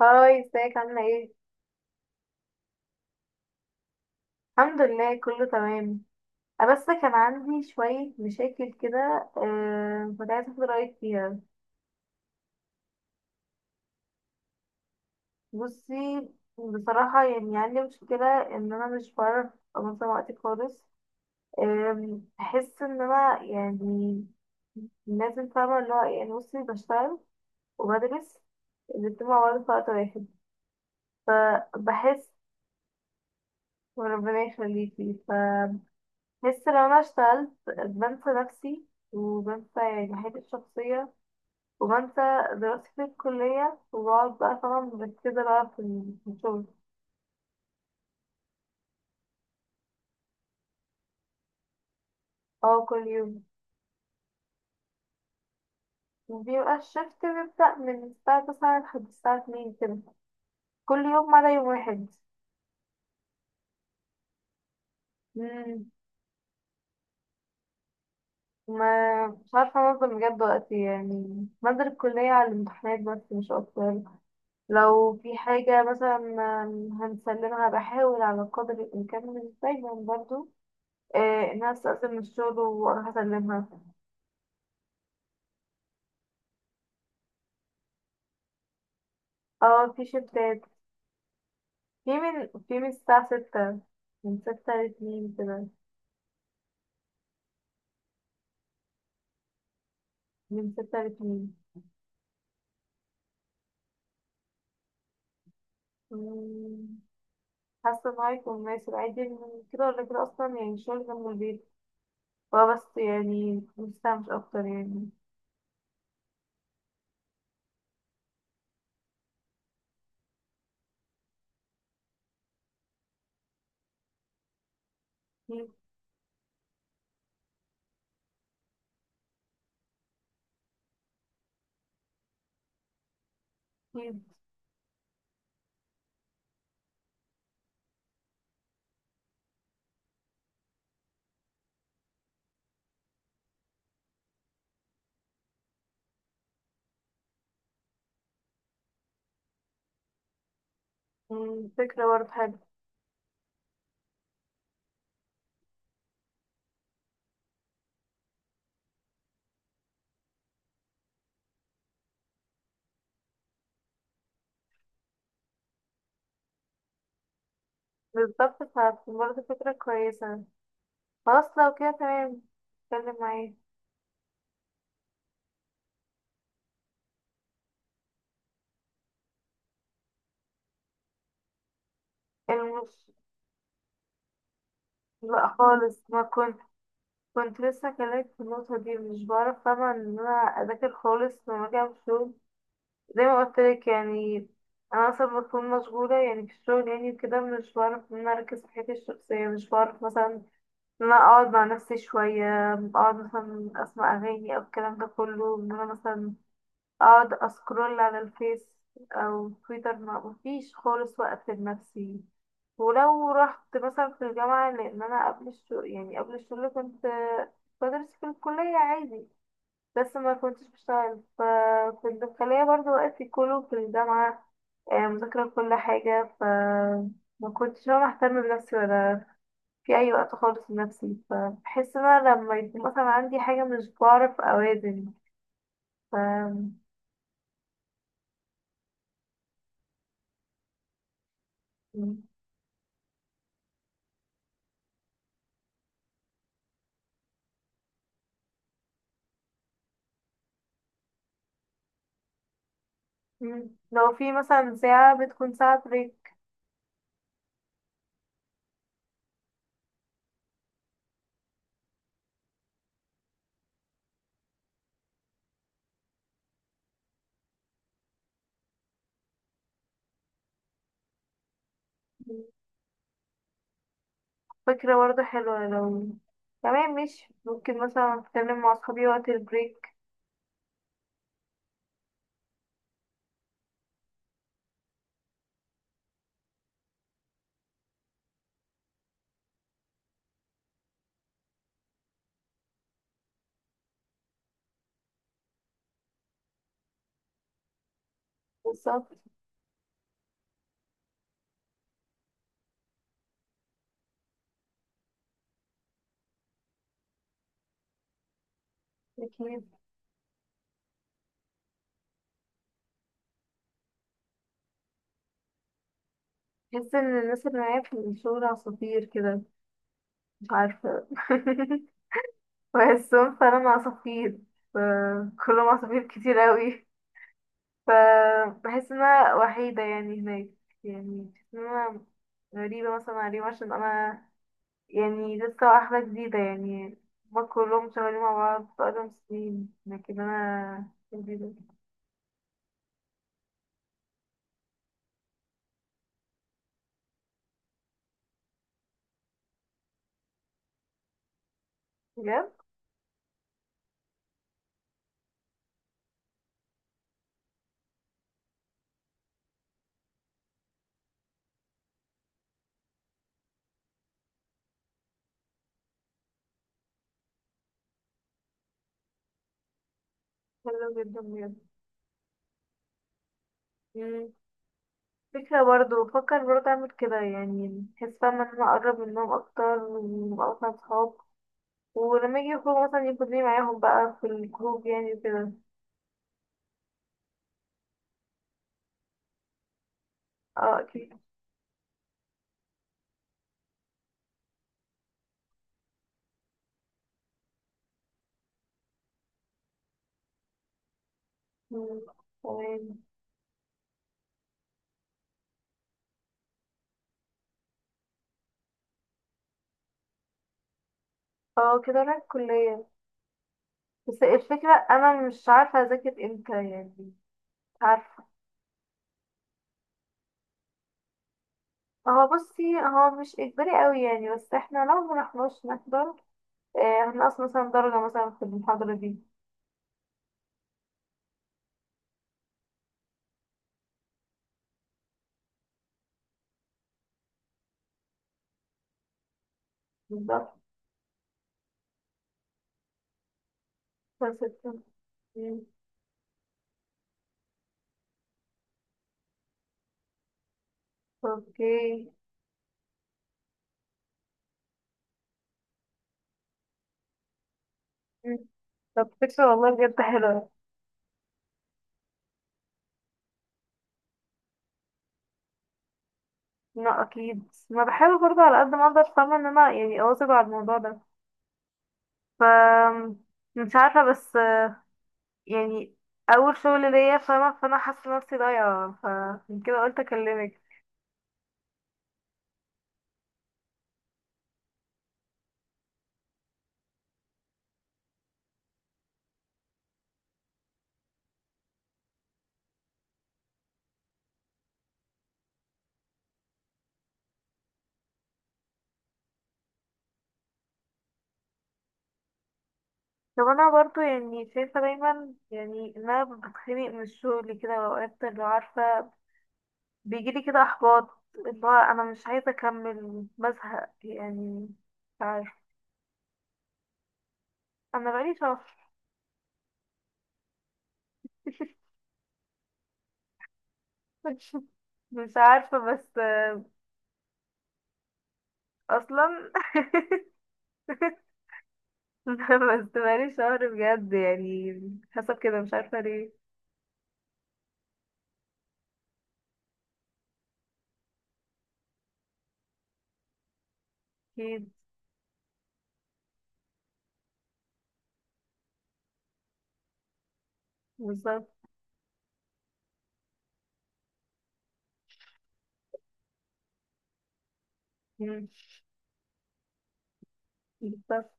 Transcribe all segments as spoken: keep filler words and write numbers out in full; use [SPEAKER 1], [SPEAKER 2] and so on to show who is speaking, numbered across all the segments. [SPEAKER 1] هاي، ازيك عاملة ايه؟ الحمد لله كله تمام. أه، بس كان عندي شوية مشاكل كده. أه، كنت عايزة اخد رأيك فيها. بصي. بصراحة يعني عندي مشكلة ان انا مش بعرف انظم وقتي خالص. آم، بحس ان انا يعني لازم فاهمة اللي هو إيه، يعني بصي بشتغل وبدرس الاتنين مع بعض في وقت واحد فبحس. وربنا يخليكي. بس لو انا اشتغلت بنسى نفسي، وبنسى يعني حياتي الشخصية، وبنسى دراستي في الكلية، وبقعد بقى طبعا مركزة بقى في ال- في الشغل. اه، كل يوم. وبيبقى الشفت بيبدأ من الساعة تسعة لحد الساعة اتنين كده، كل يوم ما عدا يوم واحد. مم. ما مش عارفة أنظم بجد وقتي، يعني بنزل الكلية على الامتحانات بس مش أكتر. لو في حاجة مثلا هنسلمها، بحاول على قدر الإمكان مش دايما برضه. آه إنها تستأذن من الشغل وأروح أسلمها. اه، في شفتات. في من في من الساعة ستة. من ستة لاتنين كده. من ستة لاتنين. مم، حاسة إن هو هيكون مناسب عادي، إن كده ولا كده أصلا، يعني الشغل جنب البيت. هو بس يعني مستمتع مش أكتر يعني. في. في. مم، فكرة برضه حلوة. بالظبط، فهتكون برضه فكرة كويسة. خلاص، لو كده تمام. اتكلم معايا. المش... لا خالص، ما كنت. كنت لسه كلمت في النقطة دي، مش بعرف طبعا ان انا اذاكر خالص لما اجي اعمل شغل، زي ما قلت لك يعني. انا اصلا بكون مشغولة يعني في الشغل، يعني كده مش بعرف ان انا اركز في حياتي الشخصية، مش بعرف مثلا ان انا اقعد مع نفسي شوية، اقعد مثلا اسمع اغاني او الكلام ده كله، ان انا مثلا اقعد اسكرول على الفيس او تويتر. ما مفيش خالص وقت لنفسي. ولو رحت مثلا في الجامعة، لان انا قبل الشغل، يعني قبل الشغل كنت بدرس في الكلية عادي، بس ما كنتش بشتغل، ففي الداخلية برضو وقتي كله في الجامعة. آه، مذاكرة كل حاجة. ف ما كنتش انا اهتم بنفسي ولا في اي وقت خالص لنفسي، فبحس ان انا لما يكون مثلا عندي حاجة مش بعرف اوازن. ف مم. لو في مثلا ساعة بتكون ساعة بريك. فكرة برضه حلوة، لو تمام ماشي، ممكن مثلا أتكلم مع صحابي وقت البريك. بالظبط. أكيد. بحس إن الناس اللي معايا في الشغل عصافير كده، مش عارفة. بحسهم فعلا عصافير. ف- كلهم عصافير كتير أوي. فبحس إن أنا وحيدة يعني هناك. يعني بحس إن أنا غريبة مثلا عليهم، عشان أنا يعني لسه واحدة جديدة يعني. هما كلهم شغالين مع بعض بقالهم سنين، لكن أنا جديدة. بجد؟ حلو جدا بجد. مم. فكرة برضه، بفكر برضه أعمل كده، يعني بحس فاهمة إن أنا أقرب منهم أكتر، ونبقى مثلا صحاب. ولما يجي يخرجوا مثلا ياخدوني معاهم بقى في الجروب، يعني كده. اه، أكيد. مم. تمام. اه، كده أنا الكلية، بس الفكرة أنا مش عارفة أذاكر امتى يعني. مش عارفة. هو بصي هو مش اجباري قوي يعني، بس احنا لو مرحناش نحضر آه، هنقص مثلا درجة مثلا في المحاضرة دي. بالظبط. فستة. مم. اوكي. مم. طب فكرة والله بجد حلوة. لا أكيد، ما بحاول برضه على قد ما أقدر، فاهمة إن أنا يعني أواظب على الموضوع ده. ف مش عارفة بس يعني أول شغل ليا، فاهمة، فأنا حاسة نفسي ضايعة، فمن كده قلت أكلمك. طب انا برضو يعني شايفة دايما، يعني ان انا بتخنق من الشغل كده، واوقات اللي عارفة بيجيلي كده احباط، اللي هو انا مش عايزة اكمل، بزهق يعني. مش عارفة. انا بقالي شهر. مش عارفة بس آه، اصلا. بس بقالي شهر بجد يعني، حسب كده مش عارفة ليه. اكيد. بالظبط. مم، بالظبط.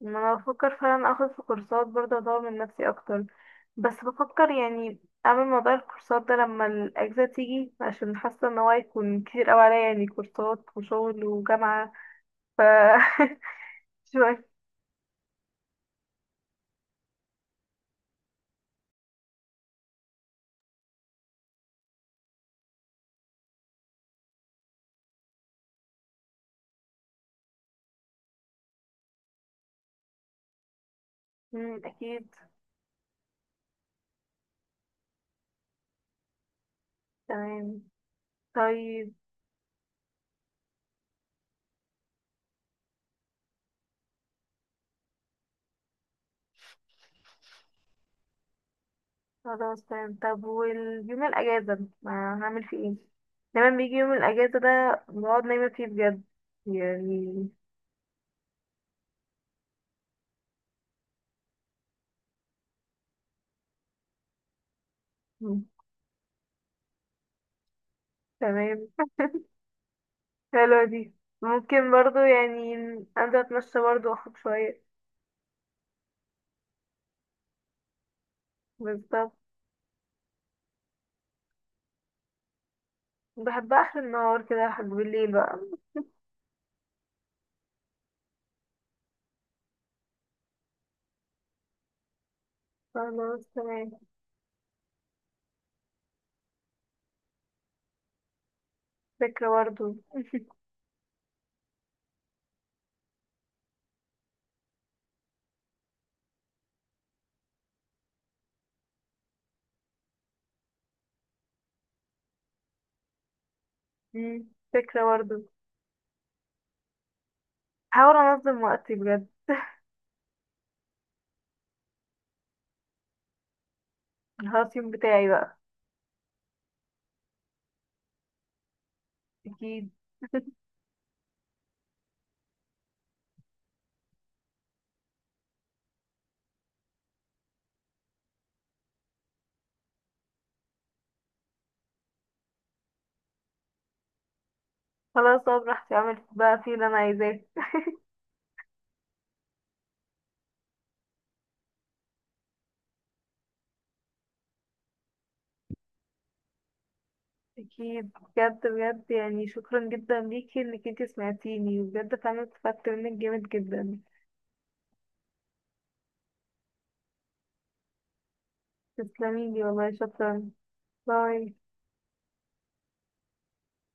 [SPEAKER 1] ما انا بفكر فعلا اخد في كورسات برضه، اطور من نفسي اكتر، بس بفكر يعني اعمل موضوع الكورسات ده لما الاجازه تيجي، عشان حاسه ان هو هيكون كتير اوي عليا، يعني كورسات وشغل وجامعه. ف شوية. مم، اكيد. تمام. طيب. خلاص تمام. طب واليوم الاجازه، ما هعمل فيه ايه؟ دايما بيجي يوم الاجازه ده بقعد نايمه فيه بجد يعني. مم، تمام. حلوة دي. ممكن برضو يعني أنزل أتمشى برضو، وأخد شوية. بالظبط. بحبها آخر النهار كده لحد بالليل بقى. خلاص تمام. فكرة برضو. مم. فكرة برضو. هحاول أنظم وقتي بجد. الهاوسين بتاعي بقى. أكيد. خلاص أقعد براحتي، أعمل بقى فيه اللي أنا عايزاه. أكيد. بجد بجد يعني، شكرا جدا ليكي إنك انتي سمعتيني، وبجد فعلا استفدت منك جامد جدا. تسلميلي والله، شكرا. باي.